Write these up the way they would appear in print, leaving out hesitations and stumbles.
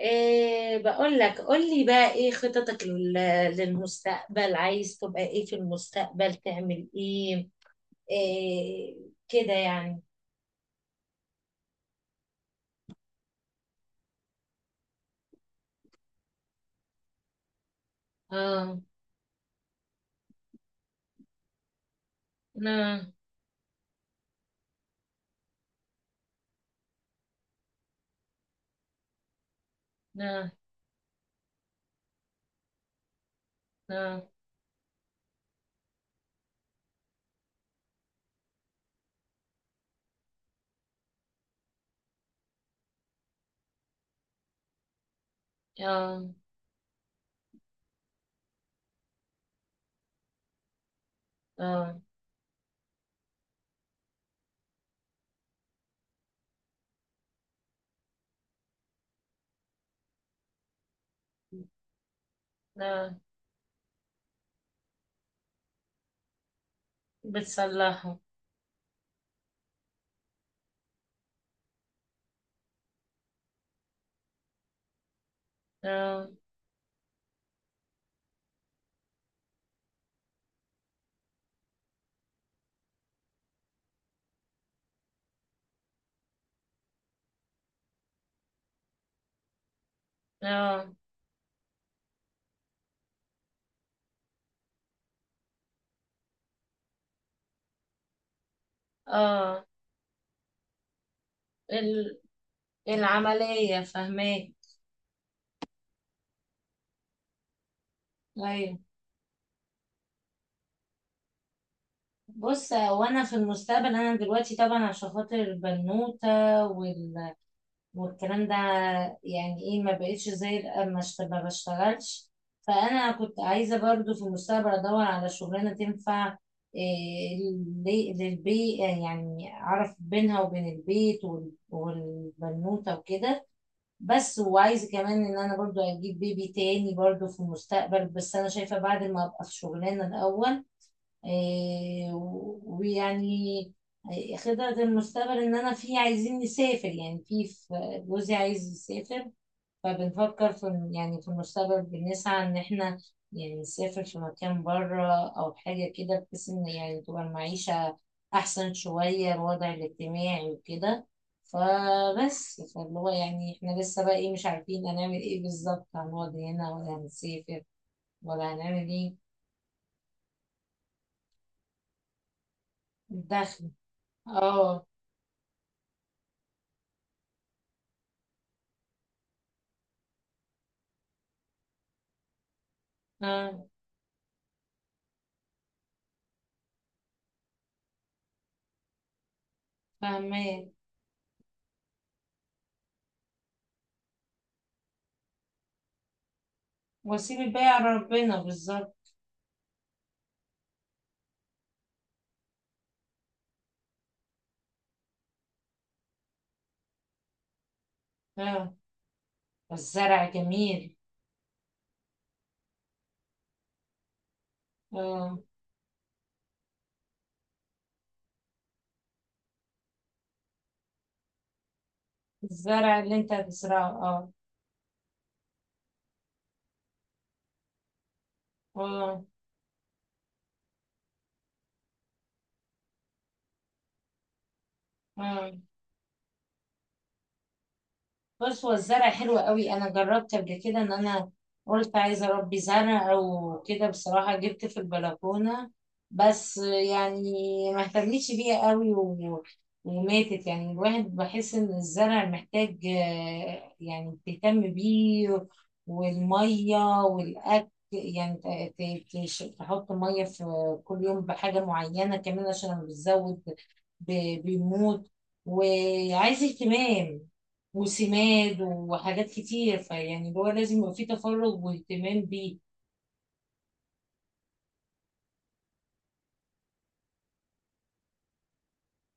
إيه بقول لك، قول لي بقى ايه خططك للمستقبل. عايز تبقى ايه في المستقبل؟ تعمل ايه، إيه كده يعني. اه. لا، لا، لا. اه، اه. لا. بتصلحه. اه، اه، اه. ال- العملية فهماك. ايوه. بص، وانا في المستقبل انا دلوقتي طبعا عشان خاطر البنوتة والكلام ده، يعني ايه، ما بقتش زي ما بشتغلش. فانا كنت عايزه برضو في المستقبل ادور على شغلانه تنفع إيه للبيت، يعني اعرف بينها وبين البيت والبنوته وكده. بس وعايزه كمان ان انا برضو اجيب بيبي تاني برضو في المستقبل، بس انا شايفه بعد ما ابقى في شغلانه الاول. ويعني خطط المستقبل ان انا في عايزين نسافر، يعني في جوزي عايز يسافر. فبنفكر يعني في المستقبل بنسعى ان احنا يعني نسافر في مكان بره، او حاجة كده بحيث ان يعني تبقى المعيشة احسن شوية، الوضع الاجتماعي وكده. فبس، فاللي هو يعني احنا لسه بقى ايه مش عارفين هنعمل ايه بالظبط، هنقعد هنا ولا هنسافر ولا هنعمل ايه. الدخل. اه. آه. فاهمين. وسيل بقى ربنا بالظبط. اه. والزرع جميل. اه. الزرع اللي انت هتزرعه. اه، اه. آه. بص، هو الزرع حلو قوي، انا جربت قبل كده ان انا قلت عايزه اربي زرع او كده. بصراحه جبت في البلكونه، بس يعني ما اهتمتش بيها قوي وماتت. يعني الواحد بحس ان الزرع محتاج، يعني تهتم بيه والميه والاكل. يعني تحط ميه في كل يوم بحاجه معينه، كمان عشان لما بتزود بيموت. وعايز اهتمام وسماد وحاجات كتير، فيعني اللي هو لازم يبقى فيه تفرغ واهتمام بيه.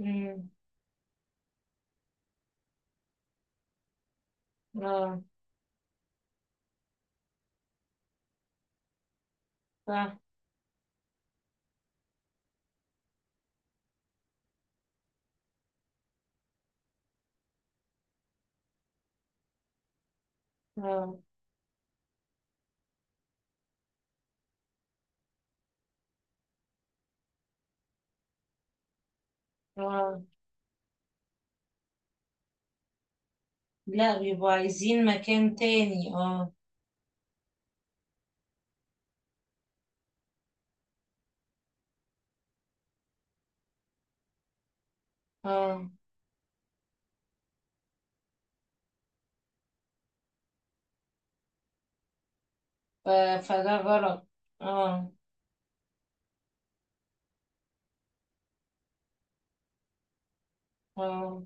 امم. اه. صح. اه، اه. لا، بيبقوا عايزين مكان تاني. اه، اه. ف- فده غلط. اه، اه.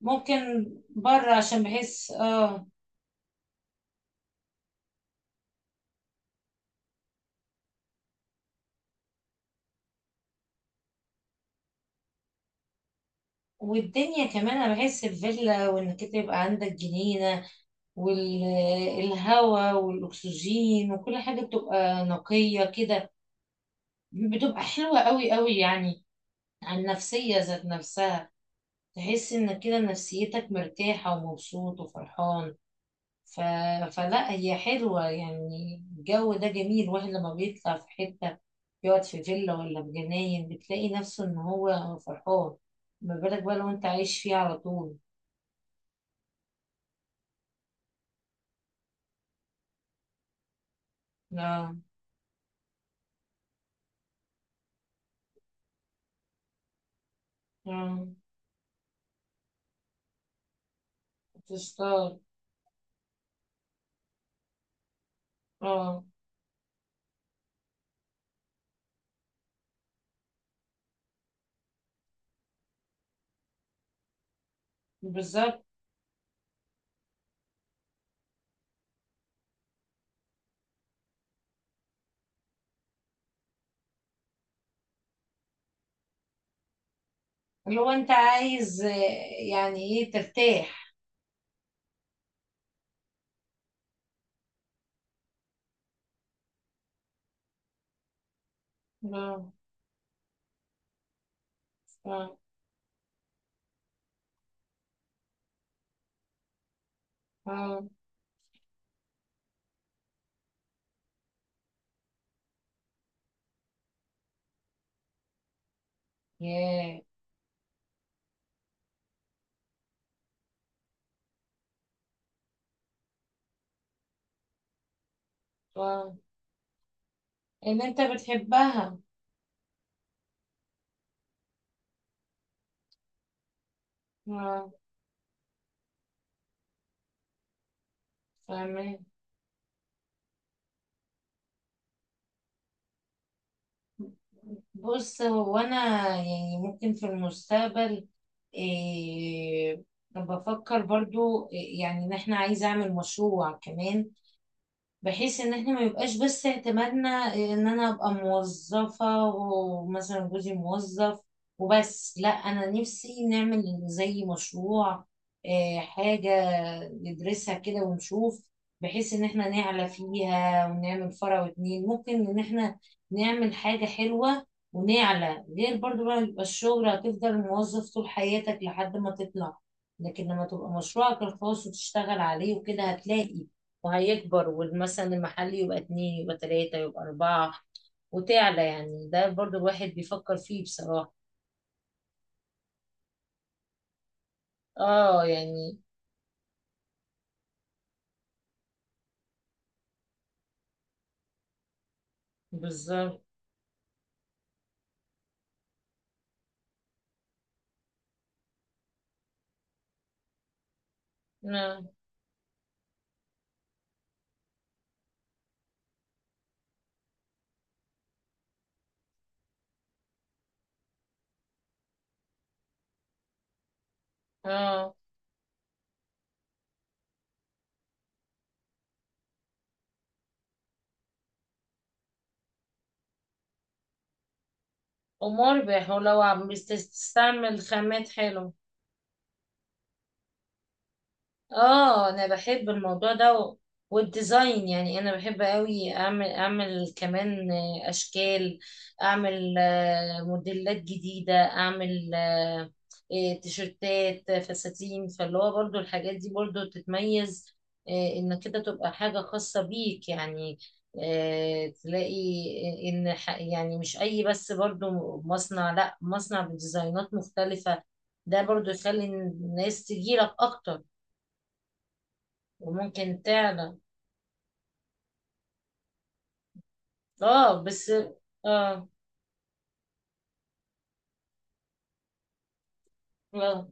ممكن بره عشان بحس. اه. والدنيا كمان، انا بحس الفيلا وانك انت يبقى عندك جنينة والهواء والاكسجين وكل حاجة بتبقى نقية كده، بتبقى حلوة قوي قوي يعني، عن النفسية ذات نفسها. تحس انك كده نفسيتك مرتاحة ومبسوط وفرحان. ف... فلا، هي حلوة يعني الجو ده جميل. واحد لما بيطلع في حتة يقعد في فيلا ولا في جناين بتلاقي نفسه ان هو فرحان، ما بالك بقى لو انت عايش فيه على طول. لا. اه. تستار. اه. بالظبط. اللي هو انت عايز، يعني ايه، ترتاح. اه، اه، اه. ياه. اه. ان انت بتحبها. اه. فاهمة. بص، هو انا يعني ممكن في المستقبل إيه بفكر برضو، إيه، يعني ان احنا عايزة اعمل مشروع كمان بحيث ان احنا ما يبقاش بس اعتمادنا ان انا ابقى موظفة ومثلا جوزي موظف وبس. لا، انا نفسي نعمل زي مشروع، حاجة ندرسها كده ونشوف بحيث ان احنا نعلى فيها ونعمل فرع واتنين. ممكن ان احنا نعمل حاجة حلوة ونعلى، غير برضو بقى يبقى الشغل هتفضل موظف طول حياتك لحد ما تطلع. لكن لما تبقى مشروعك الخاص وتشتغل عليه وكده هتلاقي وهيكبر، ومثلا المحل يبقى اتنين يبقى تلاتة يبقى أربعة وتعلى. يعني ده برضو الواحد بيفكر فيه بصراحة. اه، يعني. بالظبط. اه. آه. ومربح، ولو عم بتستعمل خامات حلوة. اه انا بحب الموضوع ده والديزاين، يعني انا بحب قوي اعمل كمان اشكال، اعمل موديلات جديدة، اعمل تيشرتات فساتين. فاللي هو برضو الحاجات دي برضو تتميز، ان كده تبقى حاجة خاصة بيك يعني. تلاقي يعني مش اي، بس برضو مصنع. لا، مصنع بديزاينات مختلفة، ده برضو يخلي الناس تجيلك اكتر وممكن تعلى. اه بس. اه، اه.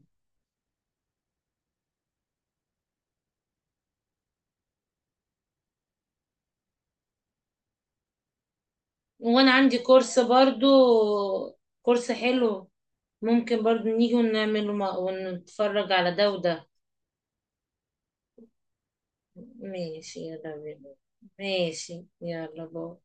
وانا عندي كورس برضو، كورس حلو، ممكن برضو نيجي ونعمله، ونتفرج على ده وده. ماشي، يلا بينا. ماشي، يلا باي.